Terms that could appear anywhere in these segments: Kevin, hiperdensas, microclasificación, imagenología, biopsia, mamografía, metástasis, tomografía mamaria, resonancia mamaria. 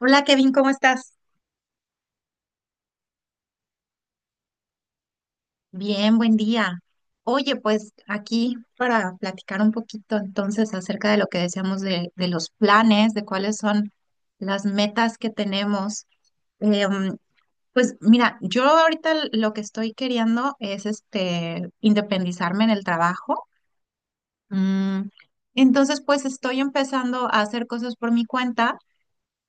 Hola Kevin, ¿cómo estás? Bien, buen día. Oye, pues aquí para platicar un poquito entonces acerca de lo que decíamos de los planes, de cuáles son las metas que tenemos. Em, pues mira, yo ahorita lo que estoy queriendo es este independizarme en el trabajo. Mm, entonces, pues estoy empezando a hacer cosas por mi cuenta,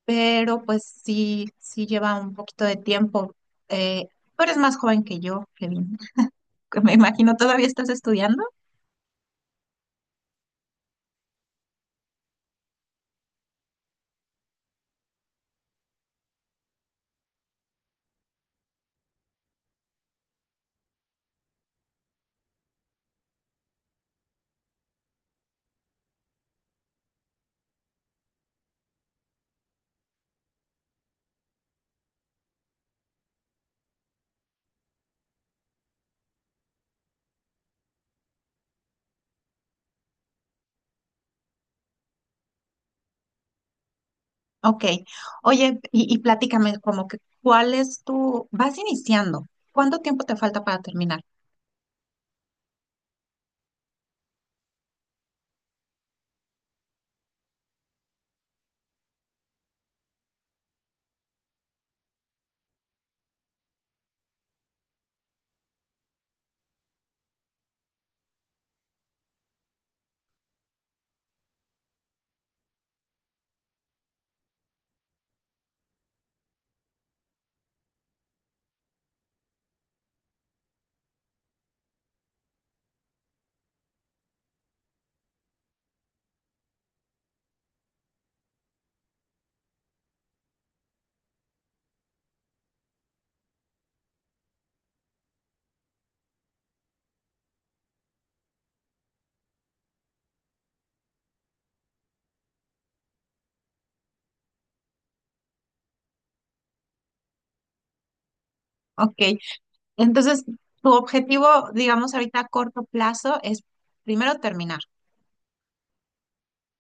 pero pues sí, sí lleva un poquito de tiempo. Eh, tú eres más joven que yo, Kevin. Me imagino, ¿todavía estás estudiando? Ok. Oye, y platícame como que, ¿cuál es tu...? Vas iniciando. ¿Cuánto tiempo te falta para terminar? Ok. Entonces, tu objetivo, digamos, ahorita a corto plazo es primero terminar.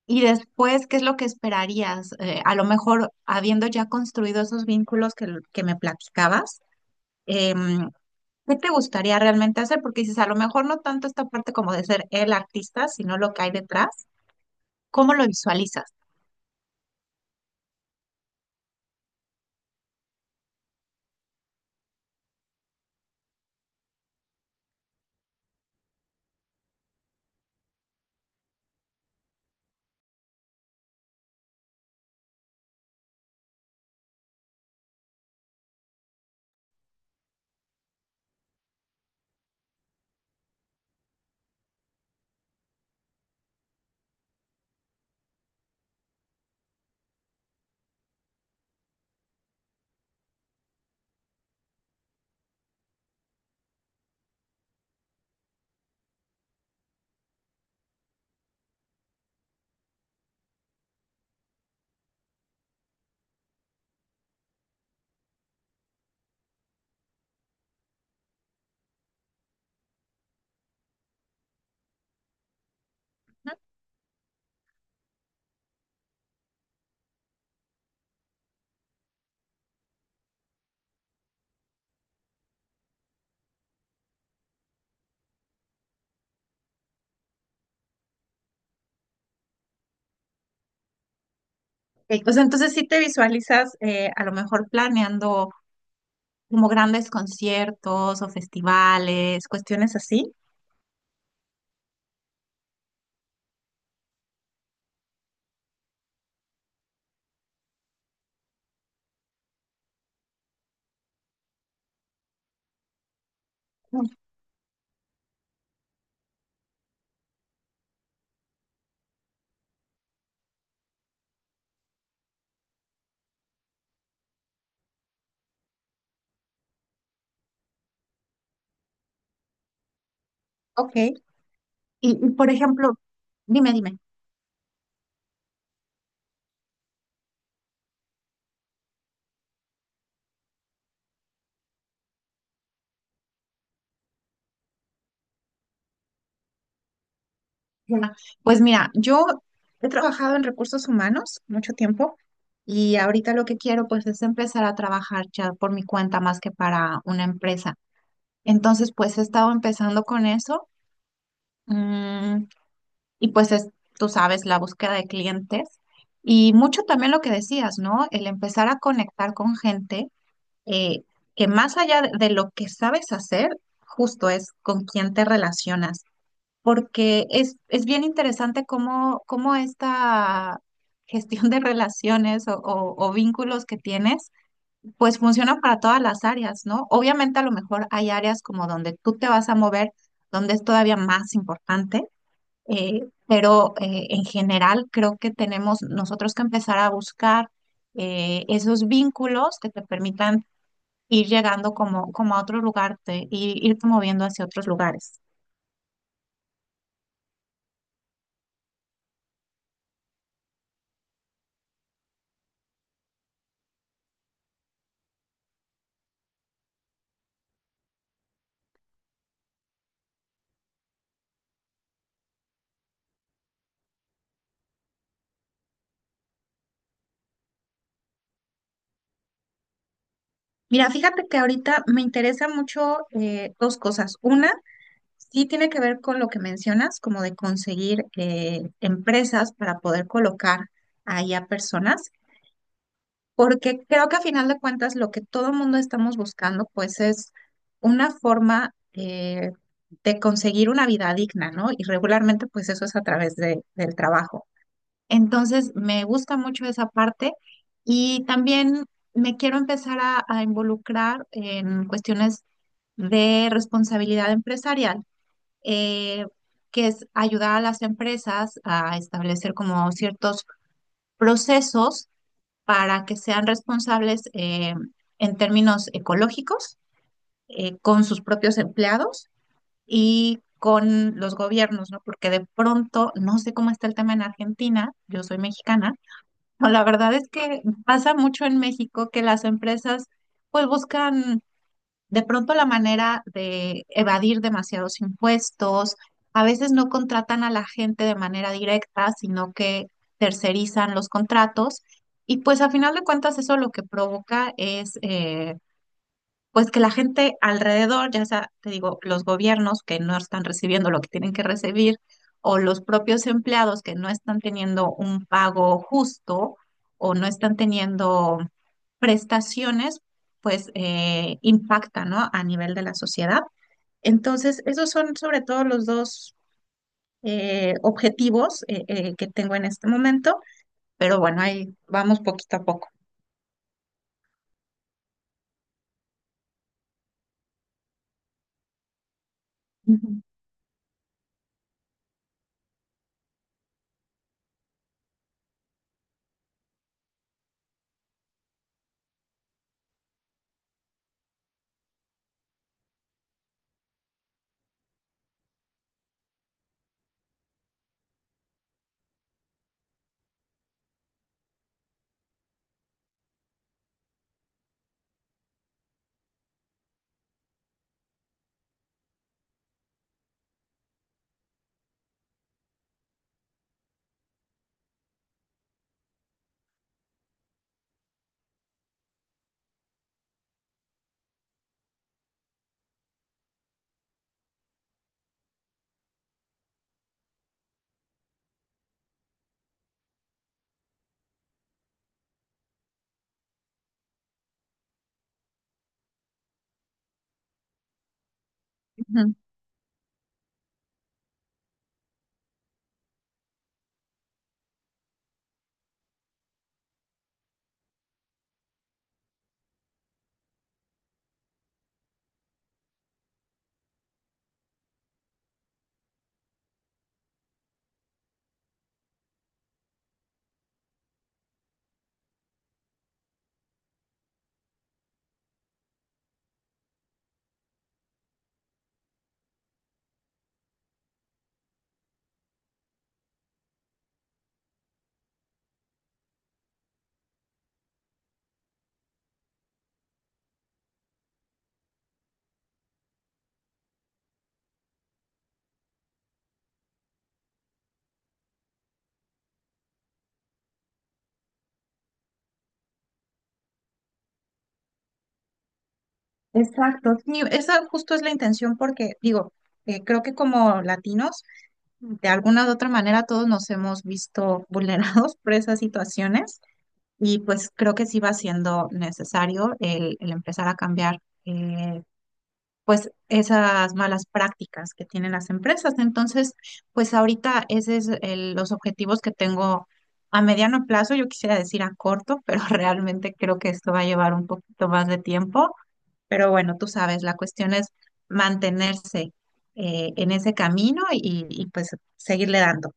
Y después, ¿qué es lo que esperarías? A lo mejor, habiendo ya construido esos vínculos que me platicabas, em, ¿qué te gustaría realmente hacer? Porque dices, a lo mejor no tanto esta parte como de ser el artista, sino lo que hay detrás. ¿Cómo lo visualizas? Ok, o sea, entonces sí te visualizas a lo mejor planeando como grandes conciertos o festivales, cuestiones así. Mm. Ok. Y, por ejemplo, dime, dime. Ya. Pues mira, yo he trabajado en recursos humanos mucho tiempo y ahorita lo que quiero pues es empezar a trabajar ya por mi cuenta más que para una empresa. Entonces pues he estado empezando con eso. mm, Y pues es, tú sabes, la búsqueda de clientes y mucho también lo que decías, ¿no? El empezar a conectar con gente eh, que más allá de lo que sabes hacer, justo es con quién te relacionas, porque es bien interesante cómo, cómo esta gestión de relaciones o vínculos que tienes, pues funciona para todas las áreas, ¿no? Obviamente a lo mejor hay áreas como donde tú te vas a mover, donde es todavía más importante, en general creo que tenemos nosotros que empezar a buscar esos vínculos que te permitan ir llegando como, como a otro lugar, te, ir, irte moviendo hacia otros lugares. Mira, fíjate que ahorita me interesa mucho, dos cosas. Una, sí tiene que ver con lo que mencionas, como de conseguir empresas para poder colocar ahí a personas. Porque creo que a final de cuentas lo que todo el mundo estamos buscando pues es una forma de conseguir una vida digna, ¿no? Y regularmente pues eso es a través del trabajo. Entonces me gusta mucho esa parte y también me quiero empezar a involucrar en cuestiones de responsabilidad empresarial. eh, que es ayudar a las empresas a establecer como ciertos procesos para que sean responsables, en términos ecológicos, con sus propios empleados y con los gobiernos, ¿no? Porque de pronto, no sé cómo está el tema en Argentina, yo soy mexicana, pero la verdad es que pasa mucho en México que las empresas pues buscan de pronto la manera de evadir demasiados impuestos, a veces no contratan a la gente de manera directa, sino que tercerizan los contratos. Y pues a final de cuentas eso lo que provoca es, pues que la gente alrededor, ya sea, te digo, los gobiernos que no están recibiendo lo que tienen que recibir, o los propios empleados que no están teniendo un pago justo o no están teniendo prestaciones, pues impacta, ¿no? A nivel de la sociedad. Entonces, esos son sobre todo los dos objetivos que tengo en este momento, pero bueno, ahí vamos poquito a poco. Ujú, ujú. Exacto, sí, esa justo es la intención porque digo, creo que como latinos, de alguna u otra manera todos nos hemos visto vulnerados por esas situaciones y pues creo que sí va siendo necesario el empezar a cambiar, eh, pues esas malas prácticas que tienen las empresas. Entonces, pues ahorita ese es los objetivos que tengo a mediano plazo, yo quisiera decir a corto, pero realmente creo que esto va a llevar un poquito más de tiempo, pero bueno, tú sabes, la cuestión es mantenerse, en ese camino y, pues seguirle dando.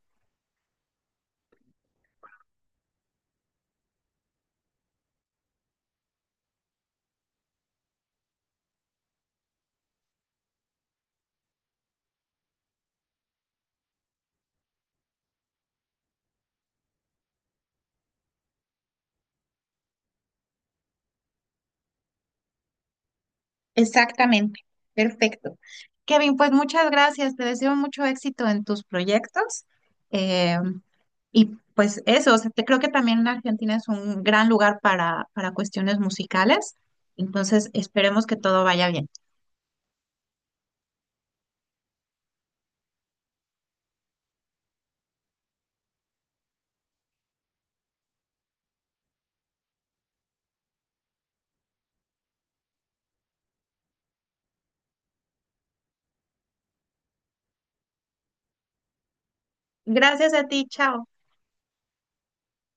Exactamente, perfecto. Kevin, pues muchas gracias, te deseo mucho éxito en tus proyectos. eh, y pues eso, o sea, creo que también Argentina es un gran lugar para cuestiones musicales, entonces esperemos que todo vaya bien. Gracias a ti, chao.